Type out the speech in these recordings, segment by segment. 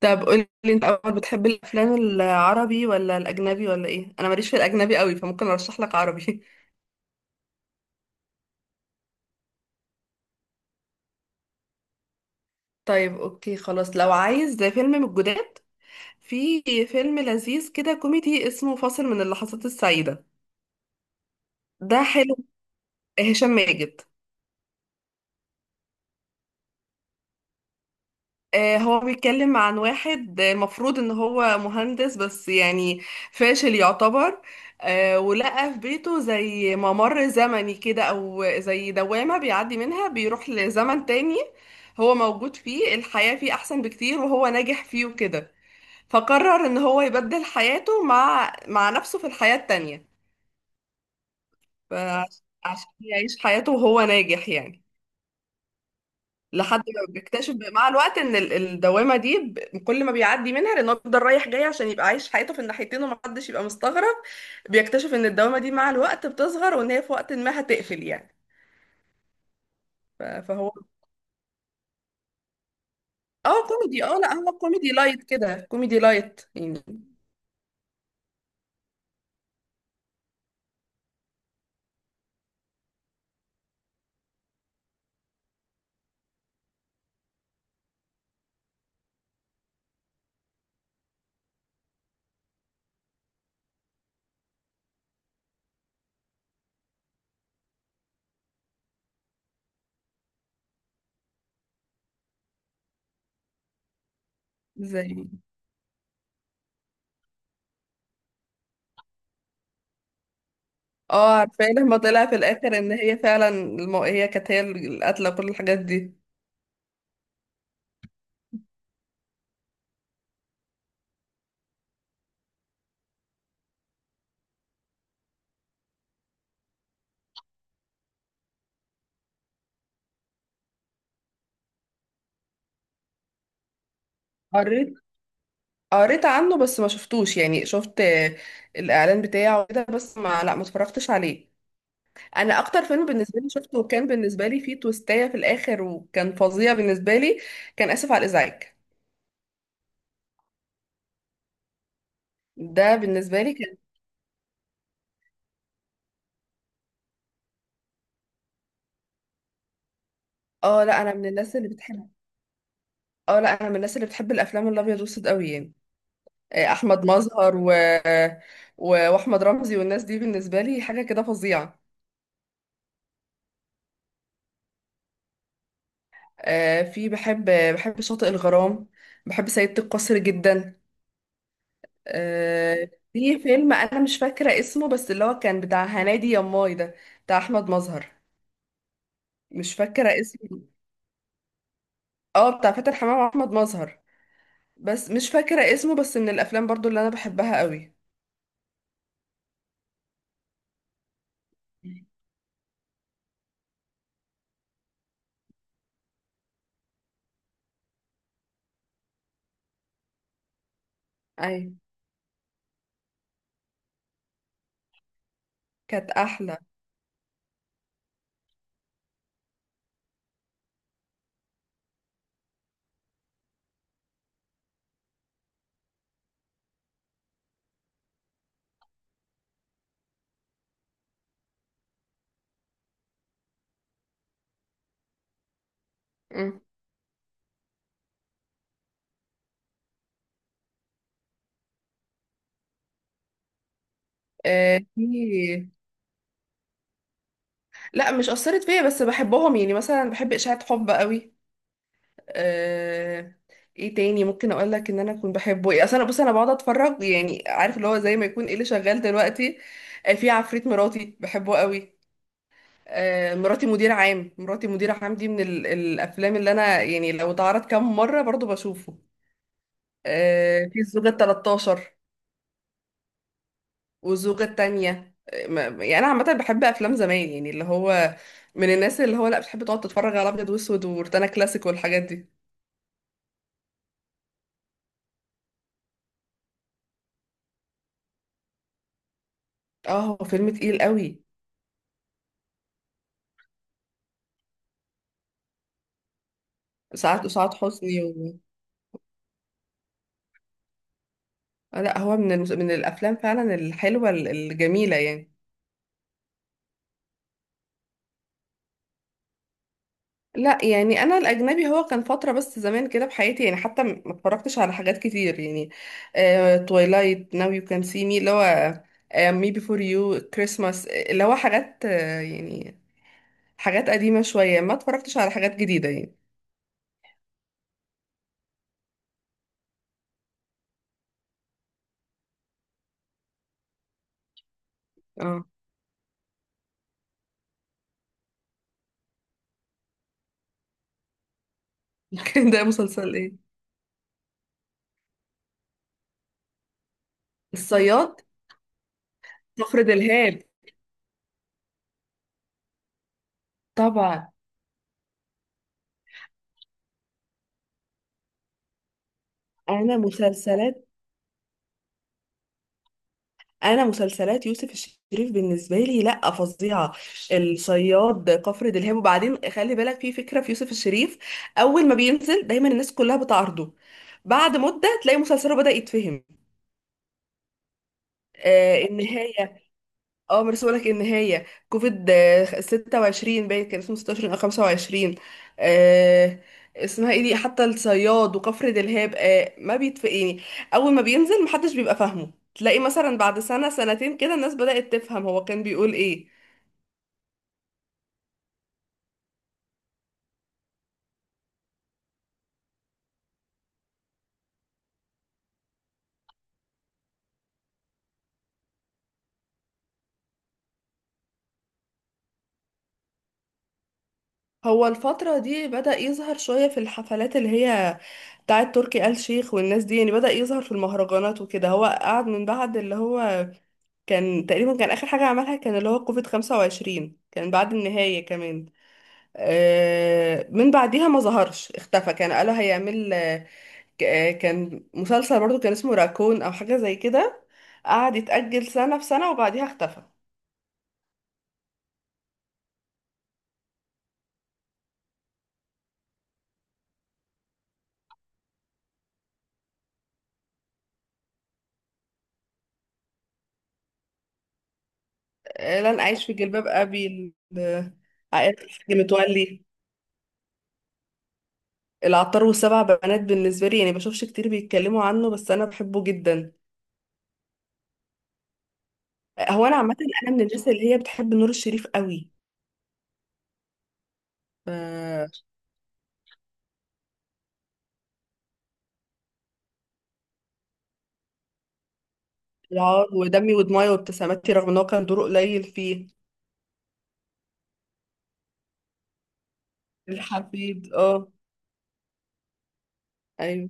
طب قولي انت اول بتحب الافلام العربي ولا الاجنبي ولا ايه؟ انا ماليش في الاجنبي قوي فممكن ارشح لك عربي. طيب اوكي خلاص. لو عايز ده فيلم من الجداد، في فيلم لذيذ كده كوميدي اسمه فاصل من اللحظات السعيدة، ده حلو. هشام ماجد. هو بيتكلم عن واحد، مفروض ان هو مهندس بس يعني فاشل يعتبر. ولقى في بيته زي ممر زمني كده او زي دوامة بيعدي منها، بيروح لزمن تاني هو موجود فيه، الحياة فيه احسن بكتير وهو ناجح فيه وكده. فقرر ان هو يبدل حياته مع نفسه في الحياة التانية فعشان يعيش حياته وهو ناجح يعني. لحد ما بيكتشف مع الوقت ان الدوامه دي كل ما بيعدي منها لانه بيفضل رايح جاي عشان يبقى عايش حياته في الناحيتين ومحدش يبقى مستغرب، بيكتشف ان الدوامه دي مع الوقت بتصغر وان هي في وقت ما هتقفل يعني. فهو اه كوميدي. اه لا، هو كوميدي لايت كده، كوميدي لايت يعني. زي اه، عارفه إيه لما طلع في الاخر ان هي فعلا هي كانت هي القاتله وكل الحاجات دي. قريت قريت عنه بس ما شفتوش، يعني شفت الاعلان بتاعه كده بس ما لا ما اتفرجتش عليه. انا اكتر فيلم بالنسبه لي شفته وكان بالنسبه لي فيه تويستايه في الاخر وكان فظيع بالنسبه لي، كان اسف على الازعاج، ده بالنسبه لي كان. اه لا انا من الناس اللي بتحب اه لا انا من الناس اللي بتحب الافلام الابيض والاسود قوي يعني. احمد مظهر واحمد رمزي والناس دي بالنسبه لي حاجه كده فظيعه. آه، في بحب بحب شاطئ الغرام، بحب سيدة القصر جدا. في فيلم انا مش فاكره اسمه بس اللي هو كان بتاع هنادي يا ماي ده، بتاع احمد مظهر، مش فاكرة اسمه. اه بتاع فاتن حمامة واحمد مظهر بس مش فاكرة اسمه، بس من الافلام برضو اللي انا بحبها قوي. ايوه كانت احلى. مم. آه في لا مش اثرت فيا بس بحبهم يعني، مثلا بحب اشاعة حب قوي. آه. ايه تاني ممكن اقول لك ان انا اكون بحبه، ايه؟ اصل انا بص، انا بقعد اتفرج يعني، عارف اللي هو زي ما يكون ايه اللي شغال دلوقتي. آه، في عفريت مراتي بحبه قوي. آه، مراتي مدير عام، مراتي مدير عام دي من الافلام اللي انا يعني لو اتعرض كام مرة برضو بشوفه. آه، في الزوجة التلاتاشر والزوجة التانية. يعني أنا عامة بحب أفلام زمان، يعني اللي هو من الناس اللي هو لأ بتحب تقعد تتفرج على أبيض وأسود وروتانا كلاسيك والحاجات دي. اه، هو فيلم تقيل قوي. سعاد حسني لأ هو من من الأفلام فعلا الحلوة الجميلة يعني. لا يعني انا الاجنبي هو كان فتره بس زمان كده في حياتي، يعني حتى ما اتفرجتش على حاجات كتير يعني. تويلايت، ناو يو كان سي مي اللي هو، مي بيفور يو، كريسماس، اللي هو حاجات، يعني حاجات قديمه شويه، ما اتفرجتش على حاجات جديده يعني. اه. كان ده مسلسل ايه؟ الصياد، كفر دلهاب. طبعا. انا مسلسلات انا مسلسلات يوسف الشريف بالنسبه لي لا فظيعه. الصياد، كفر دلهاب. وبعدين خلي بالك، في فكره في يوسف الشريف، اول ما بينزل دايما الناس كلها بتعارضه، بعد مده تلاقي مسلسله بدا يتفهم. آه، النهايه. اه بس بقولك ان هي كوفيد ستة وعشرين، باين كان اسمه ستاشر او خمسة وعشرين. آه. اسمها ايه دي؟ حتى الصياد وكفر دلهاب آه ما بيتف يعني، اول ما بينزل محدش بيبقى فاهمه، تلاقي مثلا بعد سنة سنتين كده الناس بدأت تفهم هو كان بيقول ايه. هو الفترة دي بدأ يظهر شوية في الحفلات اللي هي بتاعت تركي آل شيخ والناس دي، يعني بدأ يظهر في المهرجانات وكده. هو قعد من بعد اللي هو كان تقريبا، كان آخر حاجة عملها كان اللي هو كوفيد 25، كان بعد النهاية كمان. من بعديها ما ظهرش، اختفى. كان قالوا هيعمل كان مسلسل برضو، كان اسمه راكون او حاجة زي كده، قعد يتأجل سنة في سنة وبعديها اختفى. لن أعيش في جلباب أبي. ال- عائلة الحاج متولي، العطار والسبع بنات، بالنسبة لي يعني بشوفش كتير بيتكلموا عنه بس أنا بحبه جدا. آه، هو أنا عامة أنا من الناس اللي هي بتحب نور الشريف قوي. آه، العار ودمي ودموعي وابتساماتي، رغم إن هو كان دوره قليل فيه. الحفيد اه. ايوه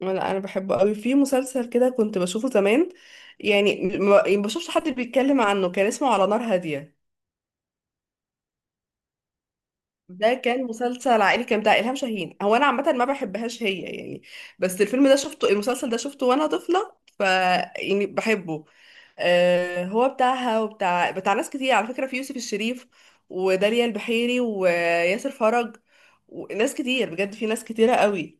لا، انا بحبه قوي. في مسلسل كده كنت بشوفه زمان يعني، ما بشوفش حد بيتكلم عنه، كان اسمه على نار هادية. ده كان مسلسل عائلي كان بتاع إلهام شاهين، هو انا عامة ما بحبهاش هي يعني، بس الفيلم ده شفته المسلسل ده شفته وانا طفلة، ف يعني بحبه. آه، هو بتاعها وبتاع بتاع ناس كتير على فكرة، في يوسف الشريف وداليا البحيري وياسر فرج وناس كتير، بجد في ناس كتيرة قوي.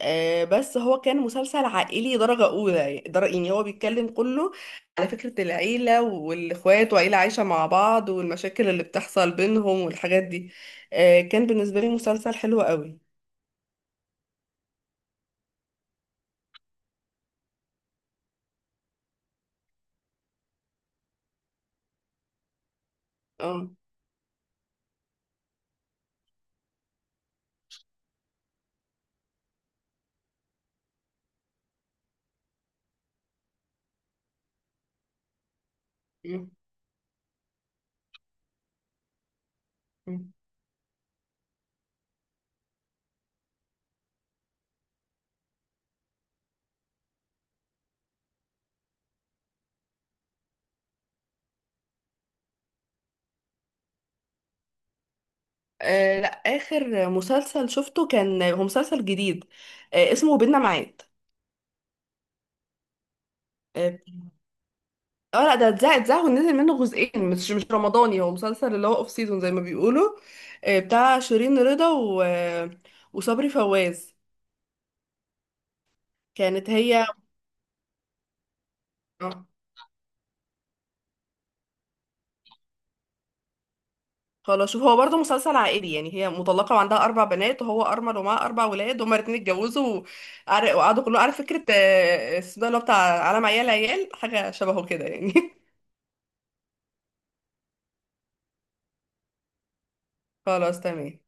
بس هو كان مسلسل عائلي درجة أولى يعني، يعني هو بيتكلم كله على فكرة العيلة والإخوات وعيلة عايشة مع بعض والمشاكل اللي بتحصل بينهم والحاجات دي. كان بالنسبة لي مسلسل حلو قوي. اه. مم. مم. آه، لا آخر مسلسل شفته كان هو مسلسل جديد، اسمه بينا ميعاد. اه. آه، لا ده اتذاع ونزل منه جزئين، مش رمضاني، هو مسلسل اللي هو اوف سيزون زي ما بيقولوا. آه، بتاع شيرين رضا وصبري فواز. كانت هي. آه، خلاص. شوف، هو برضه مسلسل عائلي يعني، هي مطلقة وعندها أربع بنات وهو أرمل ومعاه أربع ولاد، هما الاتنين اتجوزوا وقعدوا كلهم، عارف فكرة السودان اللي هو بتاع عالم عيال حاجة شبهه كده يعني. خلاص تمام.